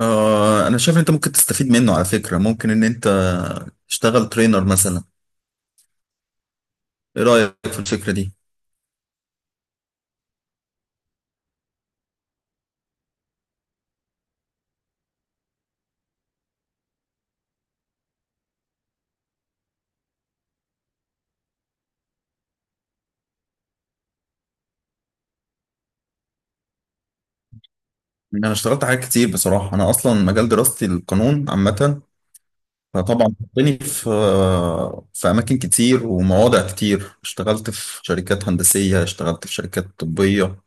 آه، انا شايف ان انت ممكن تستفيد منه على فكرة. ممكن ان انت تشتغل ترينر مثلا. ايه رأيك في الفكرة دي؟ يعني انا اشتغلت حاجات كتير بصراحة. انا اصلا مجال دراستي القانون عامة، فطبعا حطني في اماكن كتير ومواضع كتير. اشتغلت في شركات هندسية، اشتغلت في شركات طبية،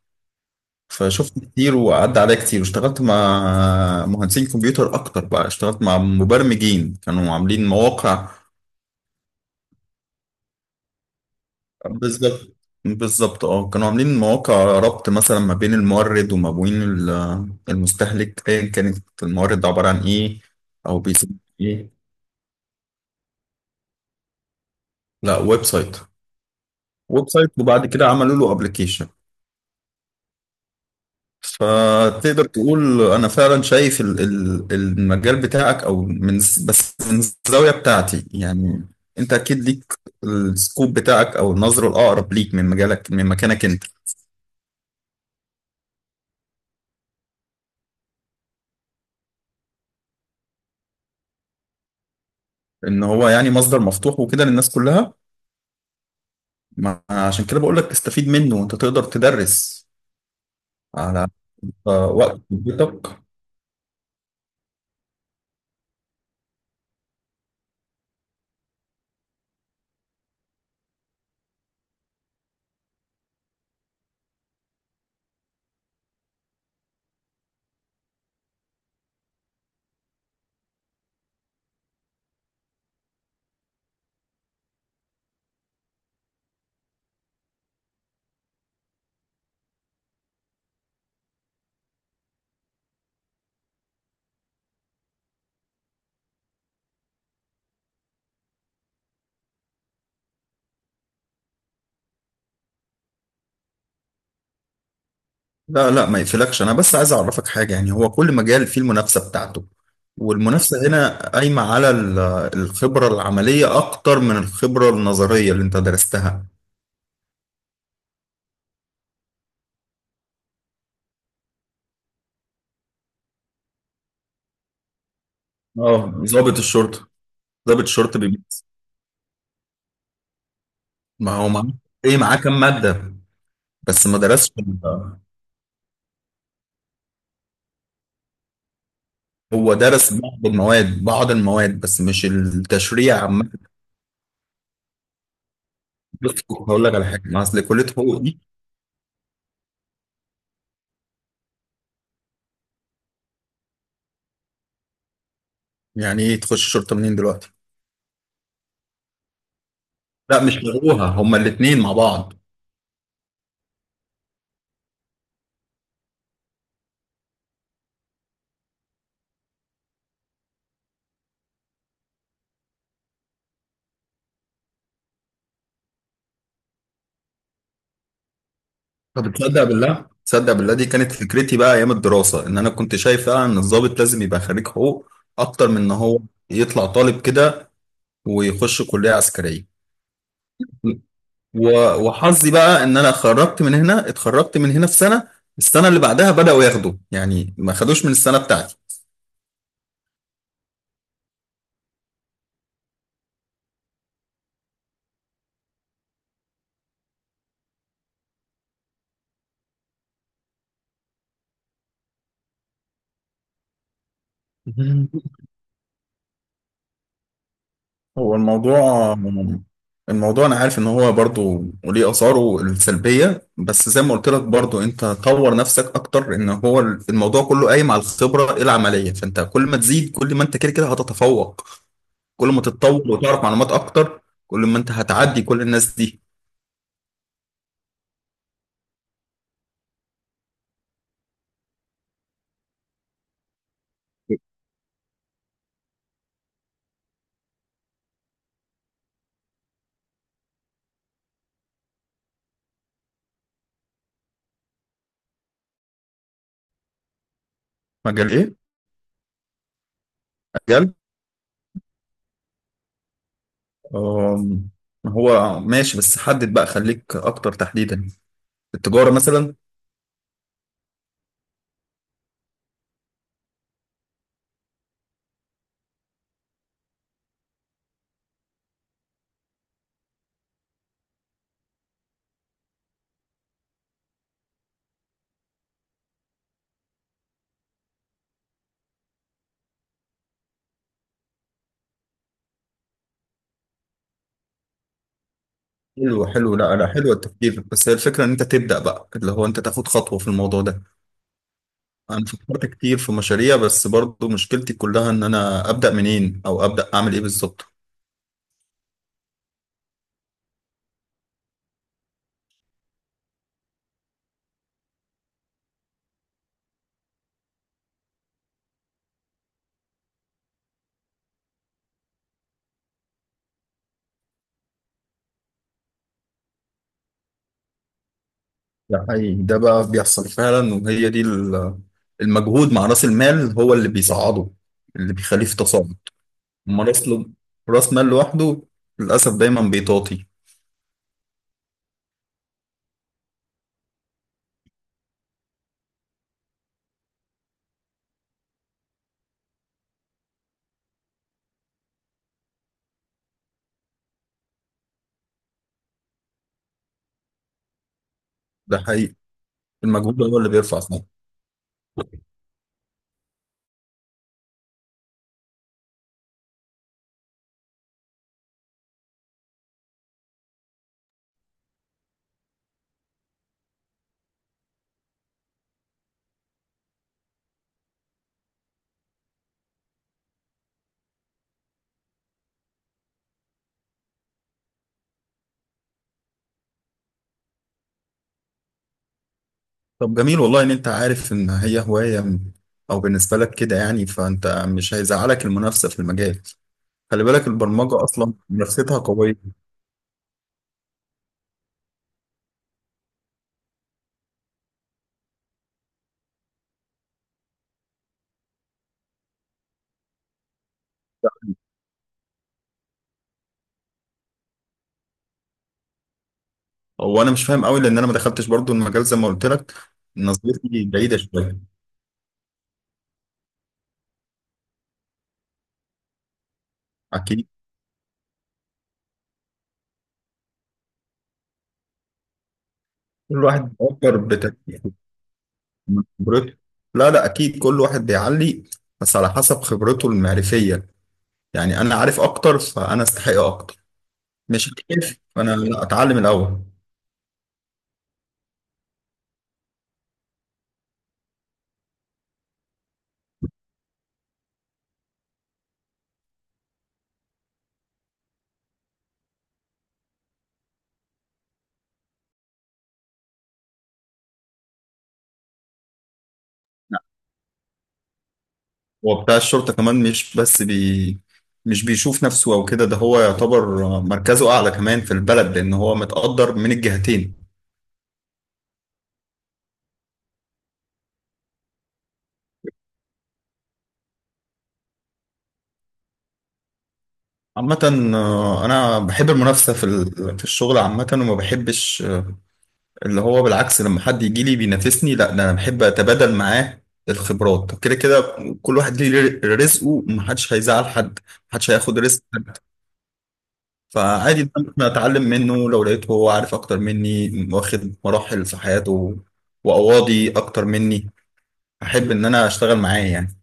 فشفت كتير وعدى عليا كتير، واشتغلت مع مهندسين كمبيوتر اكتر، بقى اشتغلت مع مبرمجين كانوا عاملين مواقع. بالظبط. بالظبط اه، كانوا عاملين مواقع ربط مثلا ما بين المورد وما بين المستهلك، ايا كانت المورد عبارة عن ايه او بيسموه ايه. لا، ويب سايت. ويب سايت، وبعد كده عملوا له ابلكيشن. فتقدر تقول انا فعلا شايف المجال بتاعك، او من بس من الزاوية بتاعتي يعني. انت اكيد ليك السكوب بتاعك او النظرة الاقرب ليك من مجالك من مكانك انت. ان هو يعني مصدر مفتوح وكده للناس كلها. ما عشان كده بقول لك استفيد منه وانت تقدر تدرس على آه، وقت بيتك. لا لا، ما يقفلكش، انا بس عايز اعرفك حاجه. يعني هو كل مجال فيه المنافسه بتاعته، والمنافسه هنا قايمه على الخبره العمليه اكتر من الخبره النظريه اللي انت درستها. اه، ضابط الشرطه. ضابط الشرطه بيميز. ما هو معاه ايه؟ معاه كام ماده؟ بس ما درسش ال- هو درس بعض المواد، بعض المواد بس مش التشريع عامه. بص، هقول لك على حاجه، ما اصل كليه حقوق. يعني ايه تخش شرطة منين دلوقتي؟ لا مش لغوها، هما الاتنين مع بعض. طب تصدق بالله؟ تصدق بالله، دي كانت فكرتي بقى ايام الدراسة، ان انا كنت شايف فعلا ان الضابط لازم يبقى خريج حقوق اكتر من ان هو يطلع طالب كده ويخش كلية عسكرية. و- وحظي بقى ان انا خرجت من هنا، اتخرجت من هنا في سنة، السنة اللي بعدها بدأوا ياخدوا، يعني ما خدوش من السنة بتاعتي. هو الموضوع، الموضوع انا عارف ان هو برضو وليه اثاره السلبيه، بس زي ما قلت لك برضو، انت طور نفسك اكتر. ان هو الموضوع كله قايم على الخبره العمليه، فانت كل ما تزيد، كل ما انت كده كده هتتفوق. كل ما تتطور وتعرف معلومات اكتر، كل ما انت هتعدي كل الناس دي. مجال ايه؟ مجال أم، هو ماشي، بس حدد بقى، خليك اكتر تحديدا. التجاره مثلا؟ حلو حلو، لا لا، حلو التفكير، بس هي الفكره ان انت تبدا بقى، اللي هو انت تاخد خطوه في الموضوع ده. انا فكرت كتير في مشاريع، بس برضو مشكلتي كلها ان انا ابدا منين او ابدا اعمل ايه بالظبط. ده حقيقي، ده بقى بيحصل فعلا، وهي دي المجهود مع راس المال هو اللي بيصعده، اللي بيخليه في تصاعد. اما راس مال لوحده للاسف دايما بيطاطي. ده حقيقي. المجهود هو اللي بيرفع صوته. طب جميل والله، ان انت عارف ان هي هوايه او بالنسبه لك كده يعني، فانت مش هيزعلك المنافسه في المجال. خلي بالك البرمجه اصلا منافستها قويه. هو انا مش فاهم قوي لان انا ما دخلتش برضو المجال زي ما قلت لك، نظرتي بعيده شويه. اكيد. كل واحد بيفكر بتفكيره من خبرته. لا لا، اكيد كل واحد بيعلي بس على حسب خبرته المعرفيه. يعني انا عارف اكتر فانا استحق اكتر، مش عارف فانا لا اتعلم الاول. لا، هو بتاع الشرطه كمان، مش بس بي مش بيشوف نفسه او كده، ده هو يعتبر مركزه اعلى كمان في البلد، لان هو متقدر من الجهتين. عامة، آه، أنا بحب المنافسة في في الشغل عامة، وما بحبش، آه، اللي هو بالعكس، لما حد يجي لي بينافسني، لا ده أنا بحب أتبادل معاه الخبرات. كده كده كل واحد ليه رزقه ومحدش هيزعل حد، محدش هياخد رزق حد. فعادي إن أنا أتعلم منه لو لقيته هو عارف أكتر مني، واخد مراحل في حياته وأواضي أكتر مني، أحب إن أنا أشتغل معاه يعني.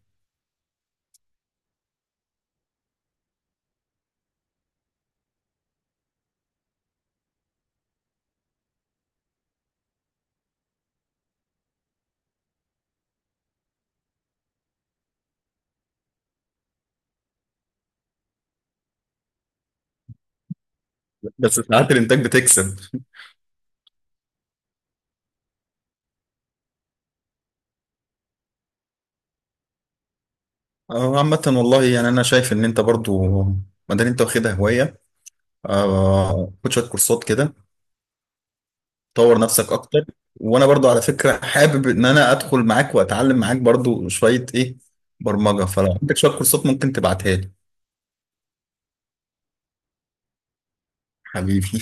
بس ساعات الإنتاج بتكسب. آه، عامة والله، يعني أنا شايف إن أنت برضو ما دام أنت واخدها هواية، آه، خد شويه كورسات كده، طور نفسك اكتر. وانا برضو على فكره حابب ان انا ادخل معاك واتعلم معاك برضو شويه ايه، برمجه، فلو عندك شويه كورسات ممكن تبعتها لي. حبيبي.